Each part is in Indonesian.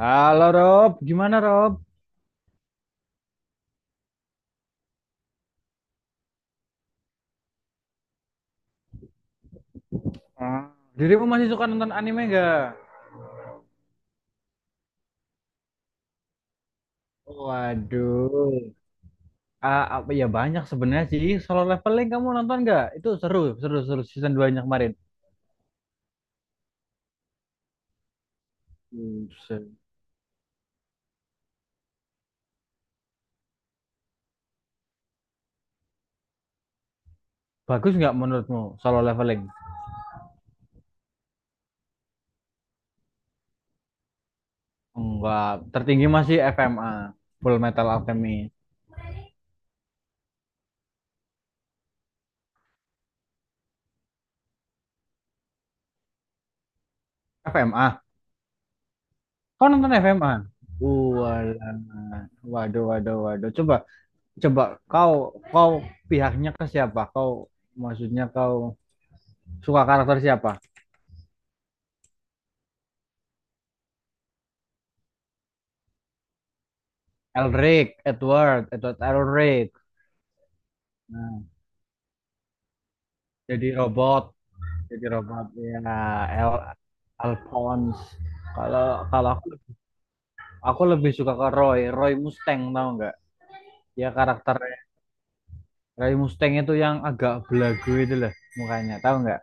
Halo Rob, gimana Rob? Ah, dirimu masih suka nonton anime gak? Waduh, ah, apa ya banyak sebenarnya sih. Solo Leveling kamu nonton gak? Itu seru, seru, seru season 2-nya kemarin. Buset. Bagus nggak menurutmu Solo Leveling? Enggak, tertinggi masih FMA, Full Metal Alchemist. FMA? Kau nonton FMA? Walah. Waduh, waduh, waduh. Coba, coba kau, kau pihaknya ke siapa? Kau, maksudnya kau suka karakter siapa? Elric, Edward, Edward Elric. Nah, jadi robot, jadi robot ya. El Alphonse. Kalau kalau aku lebih suka ke Roy, Roy Mustang tahu nggak? Ya karakternya Roy Mustang itu yang agak belagu itu lah, mukanya, tahu nggak?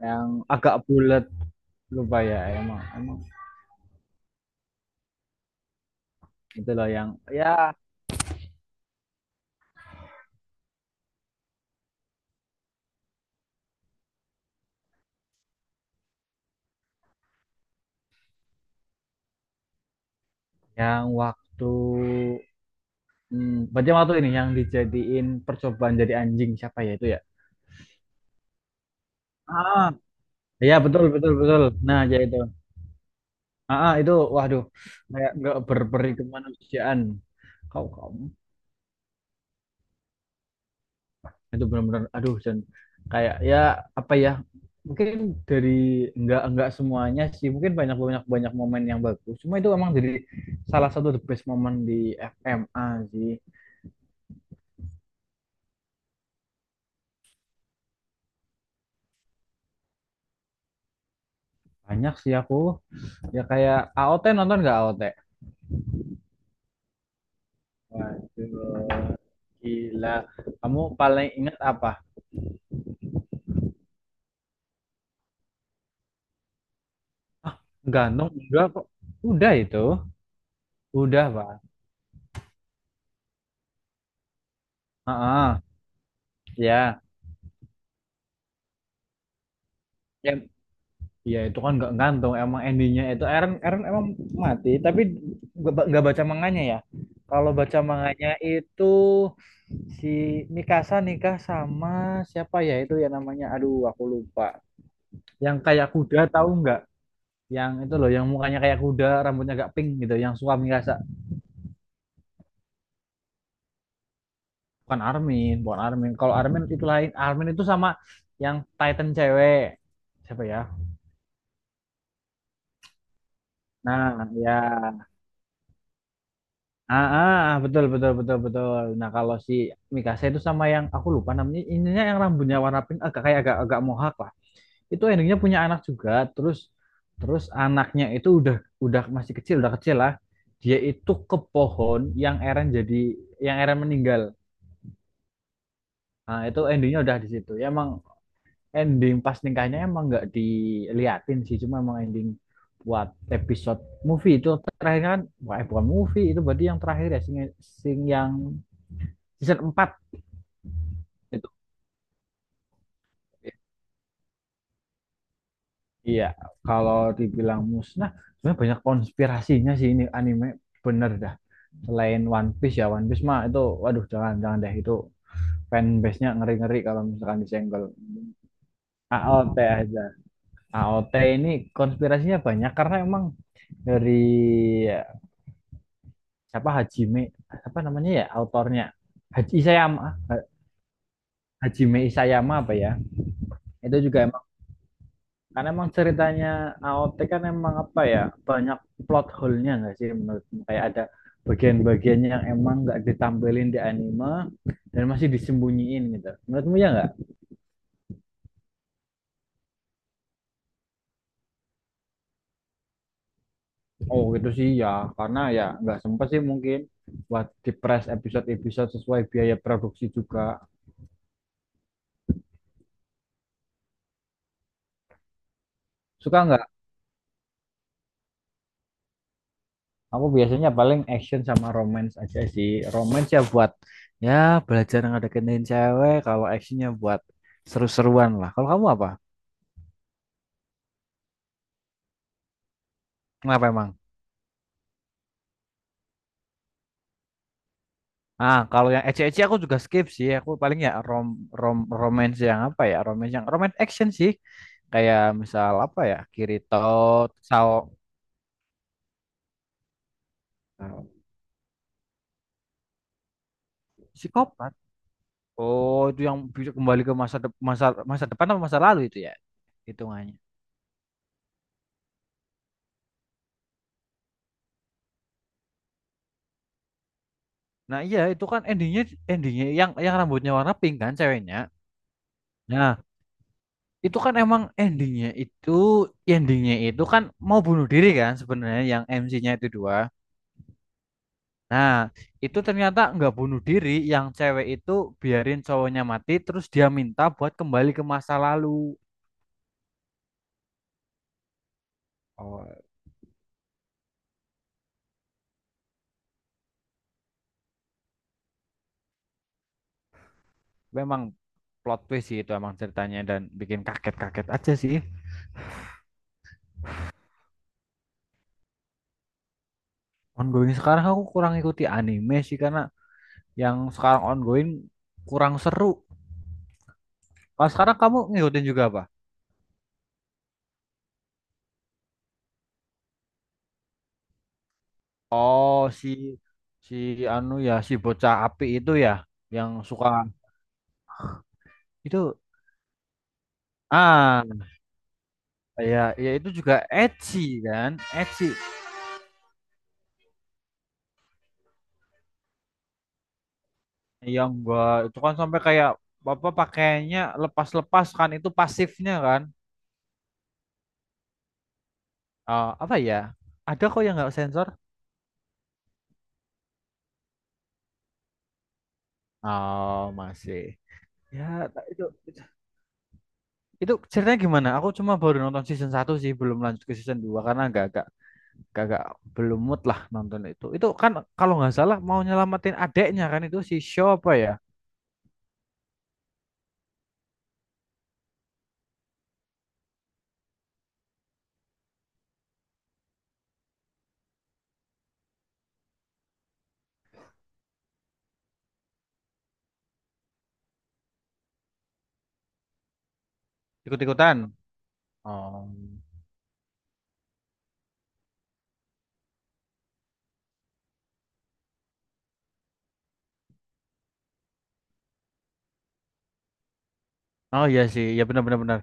Yang agak bulat lupa ya emang emang itu loh ya yang waktu berarti waktu ini yang dijadiin percobaan jadi anjing siapa ya itu ya? Ah, ya betul betul betul. Nah ya itu. Ah, ah, itu waduh kayak nggak berperi kemanusiaan. Kau kau itu benar-benar aduh dan kayak ya apa ya mungkin dari nggak semuanya sih mungkin banyak banyak banyak momen yang bagus. Cuma itu emang jadi salah satu the best momen di FMA sih. Banyak sih aku ya kayak AOT nonton nggak AOT? Waduh gila. Kamu paling ingat apa? Gantung enggak kok. Udah itu. Udah, Pak. Heeh. Ya. Ya, iya itu kan nggak gantung emang endingnya itu Eren Eren emang mati tapi nggak baca manganya ya. Kalau baca manganya itu si Mikasa nikah sama siapa ya itu ya namanya aduh aku lupa. Yang kayak kuda tahu nggak? Yang itu loh yang mukanya kayak kuda rambutnya agak pink gitu yang suka Mikasa. Bukan Armin, bukan Armin. Kalau Armin itu lain. Armin itu sama yang Titan cewek. Siapa ya? Nah, ya, ah, ah, betul betul betul betul. Nah, kalau si Mikasa itu sama yang aku lupa namanya, ininya yang rambutnya warna pink agak kayak agak agak mohak lah. Itu endingnya punya anak juga, terus terus anaknya itu udah masih kecil, udah kecil lah. Dia itu ke pohon yang Eren jadi yang Eren meninggal. Nah, itu endingnya udah di situ. Ya, emang ending pas nikahnya emang nggak diliatin sih, cuma emang ending buat episode movie itu terakhir kan, wah eh, bukan movie itu berarti yang terakhir ya sing yang season 4 itu. Iya, kalau dibilang musnah, sebenarnya banyak konspirasinya sih ini anime bener dah. Selain One Piece ya, One Piece mah itu waduh jangan jangan deh itu fanbase-nya ngeri-ngeri kalau misalkan disenggol. AOT aja. AOT ini konspirasinya banyak karena emang dari siapa Hajime, apa namanya ya autornya Haji Isayama, Hajime Isayama apa ya? Itu juga karena emang ceritanya A O T kan emang apa ya banyak plot hole-nya nggak sih menurutmu? Kayak ada bagian bagiannya yang emang nggak ditampilin di anime dan masih disembunyiin gitu. Menurutmu ya nggak? Oh gitu sih ya, karena ya nggak sempat sih mungkin buat di press episode-episode sesuai biaya produksi juga. Suka nggak? Aku biasanya paling action sama romance aja sih. Romance ya buat ya belajar ngedeketin cewek. Kalau actionnya buat seru-seruan lah. Kalau kamu apa? Kenapa emang? Ah, kalau yang ecce-ecce aku juga skip sih. Aku paling ya rom rom romance yang apa ya? Romance yang romance action sih. Kayak misal apa ya? Kirito, Sao, Sao- Psikopat. Oh, itu yang bisa kembali ke masa depan atau masa lalu itu ya hitungannya. Nah, iya itu kan endingnya endingnya yang rambutnya warna pink kan ceweknya. Nah, itu kan emang endingnya itu kan mau bunuh diri kan sebenarnya yang MC-nya itu dua. Nah, itu ternyata nggak bunuh diri, yang cewek itu biarin cowoknya mati, terus dia minta buat kembali ke masa lalu. Oh, memang plot twist sih itu emang ceritanya dan bikin kaget-kaget aja sih. Ongoing sekarang aku kurang ikuti anime sih karena yang sekarang ongoing kurang seru. Kalau sekarang kamu ngikutin juga apa? Oh, si si anu ya si bocah api itu ya yang suka itu ah ya ya itu juga ecchi kan ecchi. Iya enggak, itu kan sampai kayak bapak pakainya lepas-lepas kan itu pasifnya kan. Eh, apa ya? Ada kok yang nggak sensor? Oh masih. Ya, ta- itu itu ceritanya gimana? Aku cuma baru nonton season 1 sih, belum lanjut ke season 2 karena agak agak agak agak belum mood lah nonton itu. Itu kan kalau nggak salah mau nyelamatin adeknya kan itu si Shaw apa ya? Ikut-ikutan. Oh. Oh iya sih, ya benar benar benar.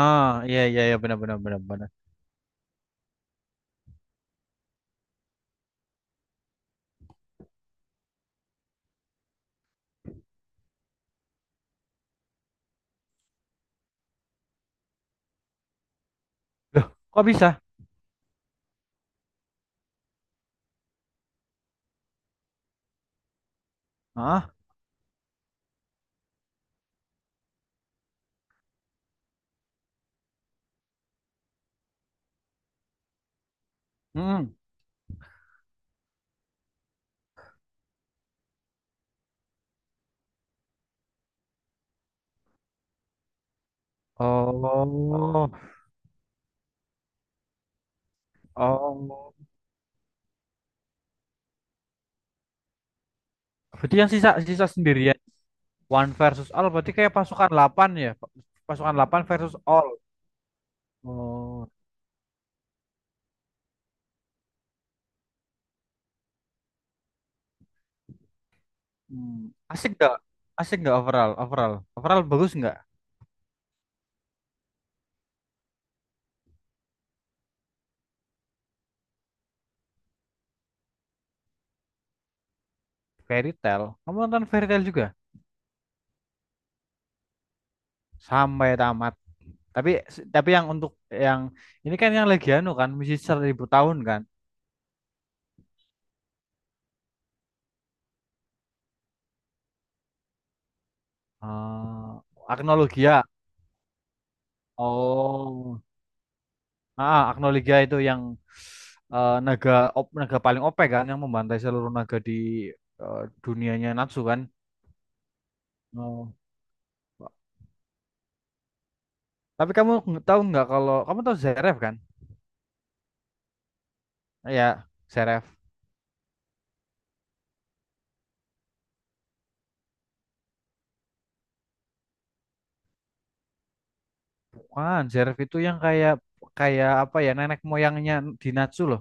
Ah, iya iya iya benar benar benar benar. Loh, kok bisa? Ah. Oh, oh. Berarti yang sisa sisa sendirian. One versus all berarti kayak pasukan 8 ya. Pasukan 8 versus all. Oh. Hmm. Asik nggak? Asik nggak overall? Overall. Overall bagus nggak? Fairy Tail. Kamu nonton Fairy Tail juga? Sampai tamat. Tapi tapi yang untuk yang ini kan yang lagi anu kan, misi 1.000 tahun kan. Eh, Agnologia. Oh. Ah, Agno itu yang eh, naga paling OP e kan yang membantai seluruh naga di eh, dunianya Natsu kan. Oh. Tapi kamu tahu nggak kalau kamu tahu Zeref kan? Ya, Zeref. Kan Zeref itu yang kayak kayak apa ya nenek moyangnya di Natsu loh.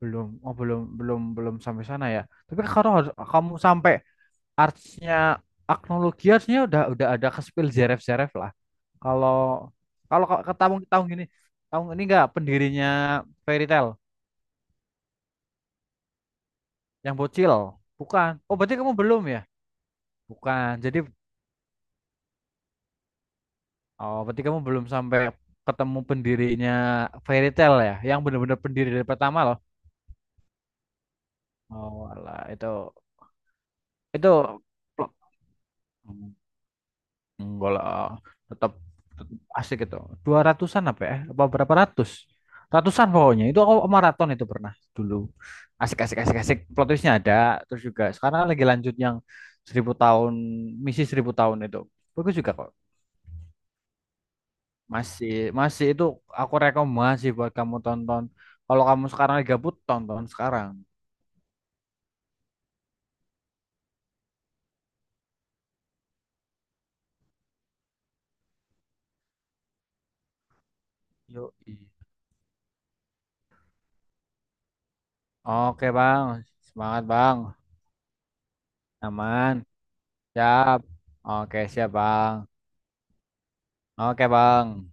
Belum, oh belum belum belum sampai sana ya. Tapi kalau kamu sampai artsnya Agno harusnya udah ada ke spill Zeref-Zeref lah. Kalau kalau kalau ke tahun tahun ini enggak pendirinya Fairy Tail yang bocil. Bukan. Oh, berarti kamu belum ya? Bukan. Jadi oh, berarti kamu belum sampai ketemu pendirinya Fairy Tail ya, yang benar-benar pendiri dari pertama loh. Oh, alah, itu plot. Enggak lah, tetap, tetap asik itu. 200-an apa ya? Apa berapa ratus? Ratusan pokoknya. Itu aku maraton itu pernah dulu. Asik, asik, asik, asik. Plot twistnya ada. Terus juga sekarang lagi lanjut yang 1.000 tahun, misi 1.000 tahun itu. Bagus juga kok. Masih, masih itu aku rekomendasi buat kamu tonton. Kalau kamu sekarang lagi gabut, tonton sekarang. Yoi. Oke, Bang. Semangat, Bang. Aman. Siap. Oke, siap, Bang. Oke, Bang.